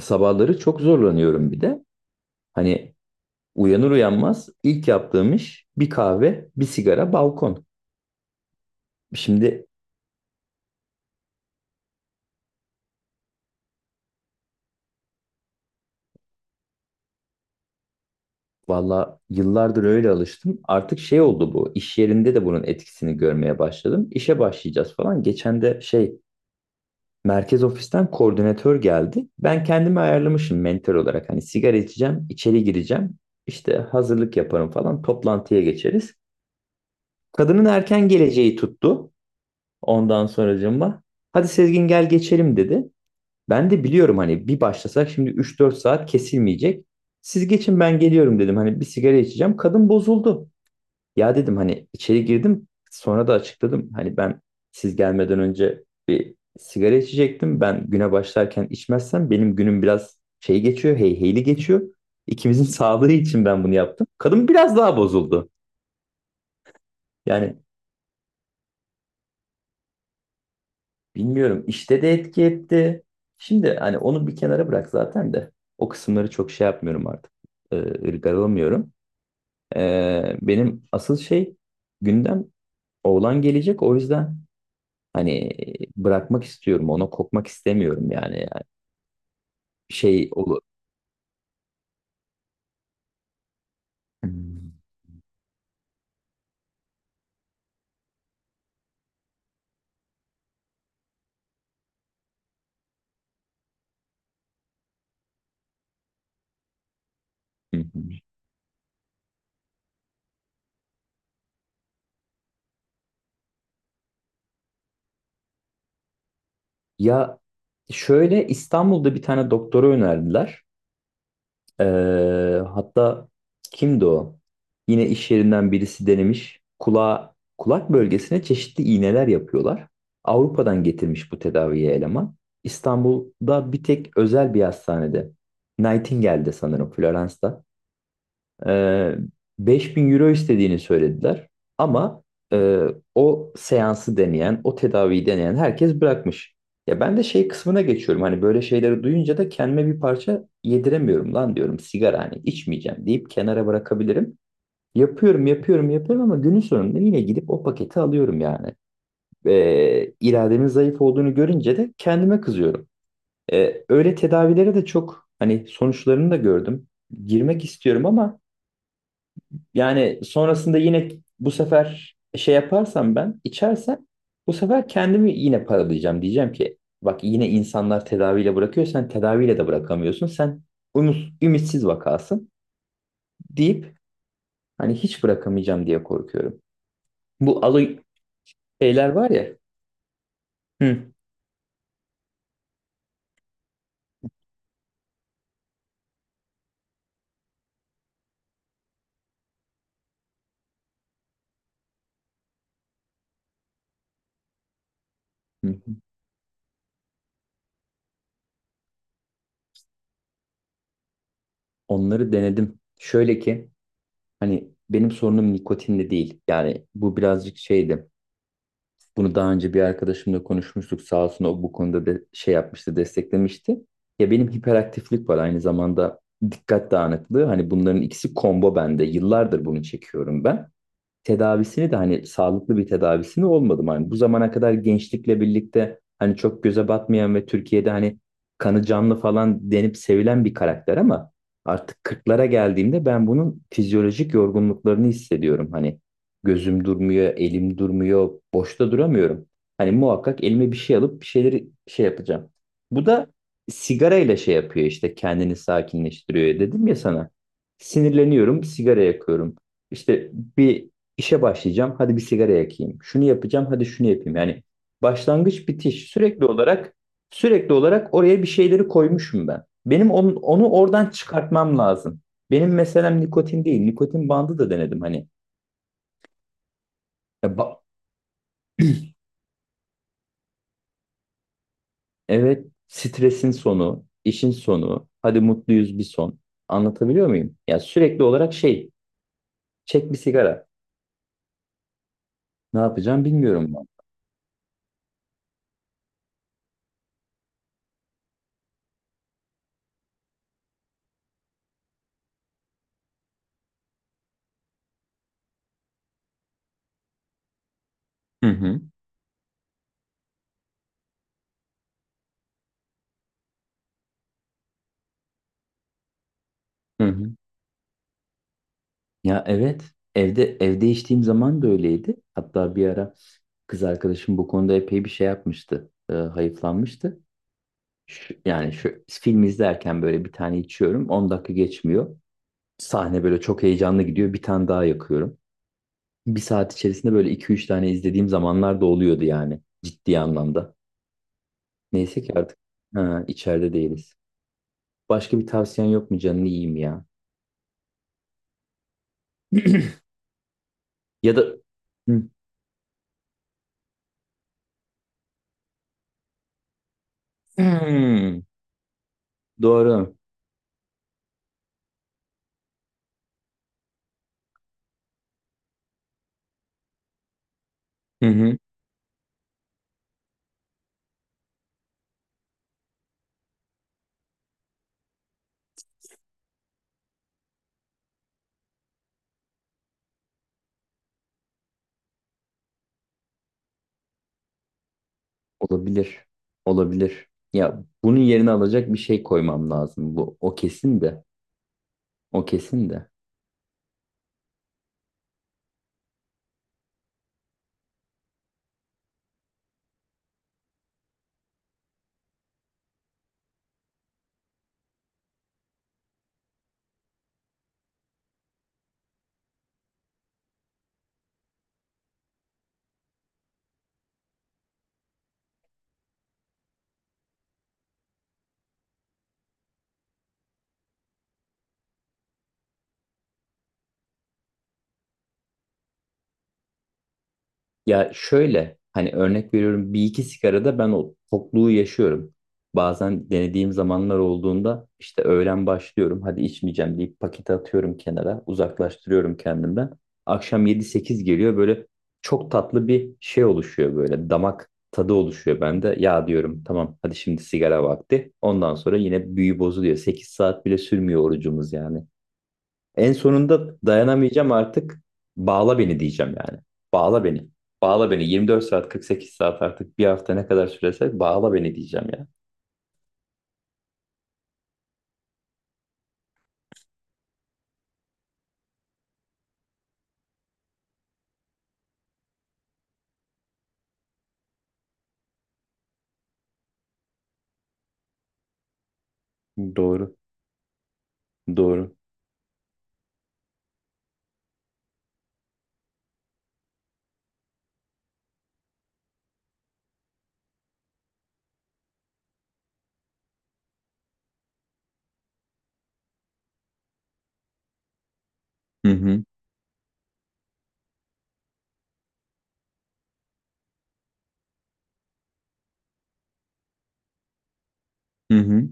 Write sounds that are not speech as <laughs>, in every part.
Sabahları çok zorlanıyorum bir de. Hani uyanır uyanmaz ilk yaptığım iş bir kahve, bir sigara, balkon. Şimdi valla yıllardır öyle alıştım. Artık şey oldu bu. İş yerinde de bunun etkisini görmeye başladım. İşe başlayacağız falan. Geçen de şey merkez ofisten koordinatör geldi. Ben kendimi ayarlamışım mentor olarak. Hani sigara içeceğim, içeri gireceğim. İşte hazırlık yaparım falan. Toplantıya geçeriz. Kadının erken geleceği tuttu. Ondan sonracığıma hadi Sezgin gel geçelim dedi. Ben de biliyorum hani bir başlasak şimdi 3-4 saat kesilmeyecek. Siz geçin ben geliyorum dedim. Hani bir sigara içeceğim. Kadın bozuldu. Ya dedim hani içeri girdim. Sonra da açıkladım. Hani ben siz gelmeden önce bir sigara içecektim. Ben güne başlarken içmezsem benim günüm biraz şey geçiyor. Heyheyli geçiyor. İkimizin <laughs> sağlığı için ben bunu yaptım. Kadın biraz daha bozuldu. Yani. Bilmiyorum. İşte de etki etti. Şimdi hani onu bir kenara bırak zaten de. O kısımları çok şey yapmıyorum artık. Irgalamıyorum. Benim asıl şey gündem oğlan gelecek. O yüzden hani bırakmak istiyorum. Ona kopmak istemiyorum yani. Yani şey olur. <laughs> Ya şöyle İstanbul'da bir tane doktora önerdiler. Hatta kimdi o? Yine iş yerinden birisi denemiş. Kulak bölgesine çeşitli iğneler yapıyorlar. Avrupa'dan getirmiş bu tedaviye eleman. İstanbul'da bir tek özel bir hastanede. Nightingale'de sanırım, Florence'da. Ee, 1.000 euro istediğini söylediler. Ama e, o seansı deneyen, o tedaviyi deneyen herkes bırakmış. Ya ben de şey kısmına geçiyorum. Hani böyle şeyleri duyunca da kendime bir parça yediremiyorum lan diyorum. Sigara hani içmeyeceğim deyip kenara bırakabilirim. Yapıyorum, yapıyorum, yapıyorum ama günün sonunda yine gidip o paketi alıyorum yani. İrademin zayıf olduğunu görünce de kendime kızıyorum. Öyle tedavilere de çok hani sonuçlarını da gördüm. Girmek istiyorum ama yani sonrasında yine bu sefer şey yaparsam ben içersem bu sefer kendimi yine paralayacağım. Diyeceğim ki bak yine insanlar tedaviyle bırakıyor sen tedaviyle de bırakamıyorsun. Sen ümitsiz vakasın deyip hani hiç bırakamayacağım diye korkuyorum. Bu alı Şeyler var ya, hı, hı, hı. Onları denedim. Şöyle ki hani benim sorunum nikotinle değil. Yani bu birazcık şeydi. Bunu daha önce bir arkadaşımla konuşmuştuk. Sağ olsun o bu konuda de şey yapmıştı, desteklemişti. Ya benim hiperaktiflik var aynı zamanda dikkat dağınıklığı. Hani bunların ikisi combo bende. Yıllardır bunu çekiyorum ben, tedavisini de hani sağlıklı bir tedavisini olmadım. Hani bu zamana kadar gençlikle birlikte hani çok göze batmayan ve Türkiye'de hani kanı canlı falan denip sevilen bir karakter ama artık kırklara geldiğimde ben bunun fizyolojik yorgunluklarını hissediyorum. Hani gözüm durmuyor, elim durmuyor, boşta duramıyorum. Hani muhakkak elime bir şey alıp bir şeyleri şey yapacağım. Bu da sigarayla şey yapıyor işte, kendini sakinleştiriyor dedim ya sana. Sinirleniyorum, sigara yakıyorum. İşte bir İşe başlayacağım. Hadi bir sigara yakayım. Şunu yapacağım. Hadi şunu yapayım. Yani başlangıç bitiş sürekli olarak oraya bir şeyleri koymuşum ben. Benim onu oradan çıkartmam lazım. Benim meselem nikotin değil. Nikotin bandı da denedim hani. Ya evet, stresin sonu, işin sonu. Hadi mutluyuz bir son. Anlatabiliyor muyum? Ya sürekli olarak şey çek bir sigara. Ne yapacağım bilmiyorum ben. Hı hı. Hı hı. Ya evet, evde içtiğim zaman da öyleydi. Hatta bir ara kız arkadaşım bu konuda epey bir şey yapmıştı. Hayıflanmıştı. Yani şu film izlerken böyle bir tane içiyorum. 10 dakika geçmiyor. Sahne böyle çok heyecanlı gidiyor. Bir tane daha yakıyorum. Bir saat içerisinde böyle iki üç tane izlediğim zamanlar da oluyordu yani. Ciddi anlamda. Neyse ki artık ha, içeride değiliz. Başka bir tavsiyen yok mu canını yiyeyim ya? Ya da. Hı. Hmm, doğru. Hı hı. Olabilir. Olabilir. Ya bunun yerine alacak bir şey koymam lazım. Bu o kesin de. O kesin de. Ya şöyle hani örnek veriyorum, bir iki sigarada ben o tokluğu yaşıyorum. Bazen denediğim zamanlar olduğunda işte öğlen başlıyorum hadi içmeyeceğim deyip paketi atıyorum, kenara uzaklaştırıyorum kendimden. Akşam 7-8 geliyor, böyle çok tatlı bir şey oluşuyor, böyle damak tadı oluşuyor bende. Ya diyorum tamam hadi şimdi sigara vakti, ondan sonra yine büyü bozuluyor, 8 saat bile sürmüyor orucumuz yani. En sonunda dayanamayacağım artık. Bağla beni diyeceğim yani. Bağla beni. Bağla beni. 24 saat, 48 saat, artık bir hafta ne kadar sürese bağla beni diyeceğim ya. Doğru. Doğru. Hı hı. Hı hı.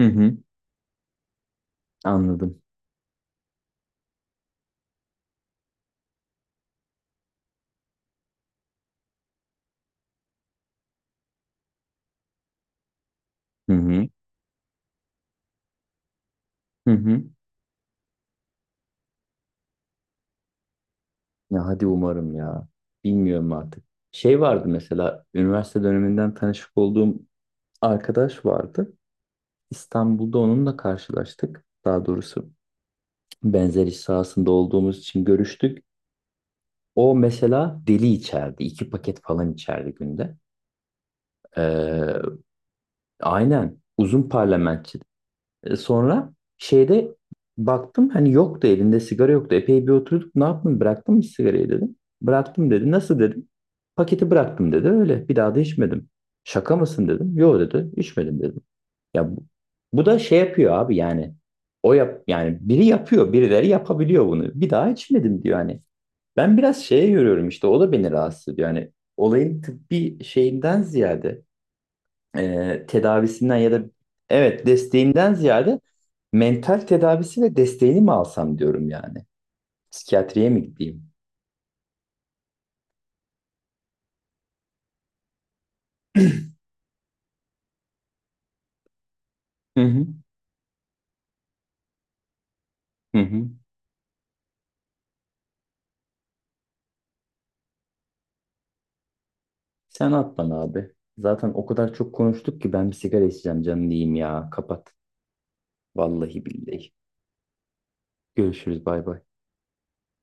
Hı hı. Anladım. Hı hı. Hı hı. Ya hadi umarım ya. Bilmiyorum artık. Şey vardı, mesela üniversite döneminden tanışık olduğum arkadaş vardı. İstanbul'da onunla karşılaştık. Daha doğrusu benzer iş sahasında olduğumuz için görüştük. O mesela deli içerdi. İki paket falan içerdi günde. Ee, aynen. Uzun parlamentçi. Sonra şeyde baktım hani yoktu, elinde sigara yoktu. Epey bir oturduk. Ne yaptın, bıraktın mı sigarayı dedim. Bıraktım dedi. Nasıl dedim. Paketi bıraktım dedi. Öyle. Bir daha da içmedim. Şaka mısın dedim. Yo dedi. İçmedim dedim. Ya bu da şey yapıyor abi yani. O yap Yani biri yapıyor, birileri yapabiliyor bunu. Bir daha içmedim diyor hani. Ben biraz şeye görüyorum işte, o da beni rahatsız ediyor. Yani olayın tıbbi şeyinden ziyade, tedavisinden ya da evet desteğinden ziyade mental tedavisi ve desteğini mi alsam diyorum yani. Psikiyatriye mi gideyim? Hı hı. Hı hı. Sen at bana abi. Zaten o kadar çok konuştuk ki ben bir sigara içeceğim canım diyeyim ya. Kapat. Vallahi billahi. Görüşürüz, bay bay.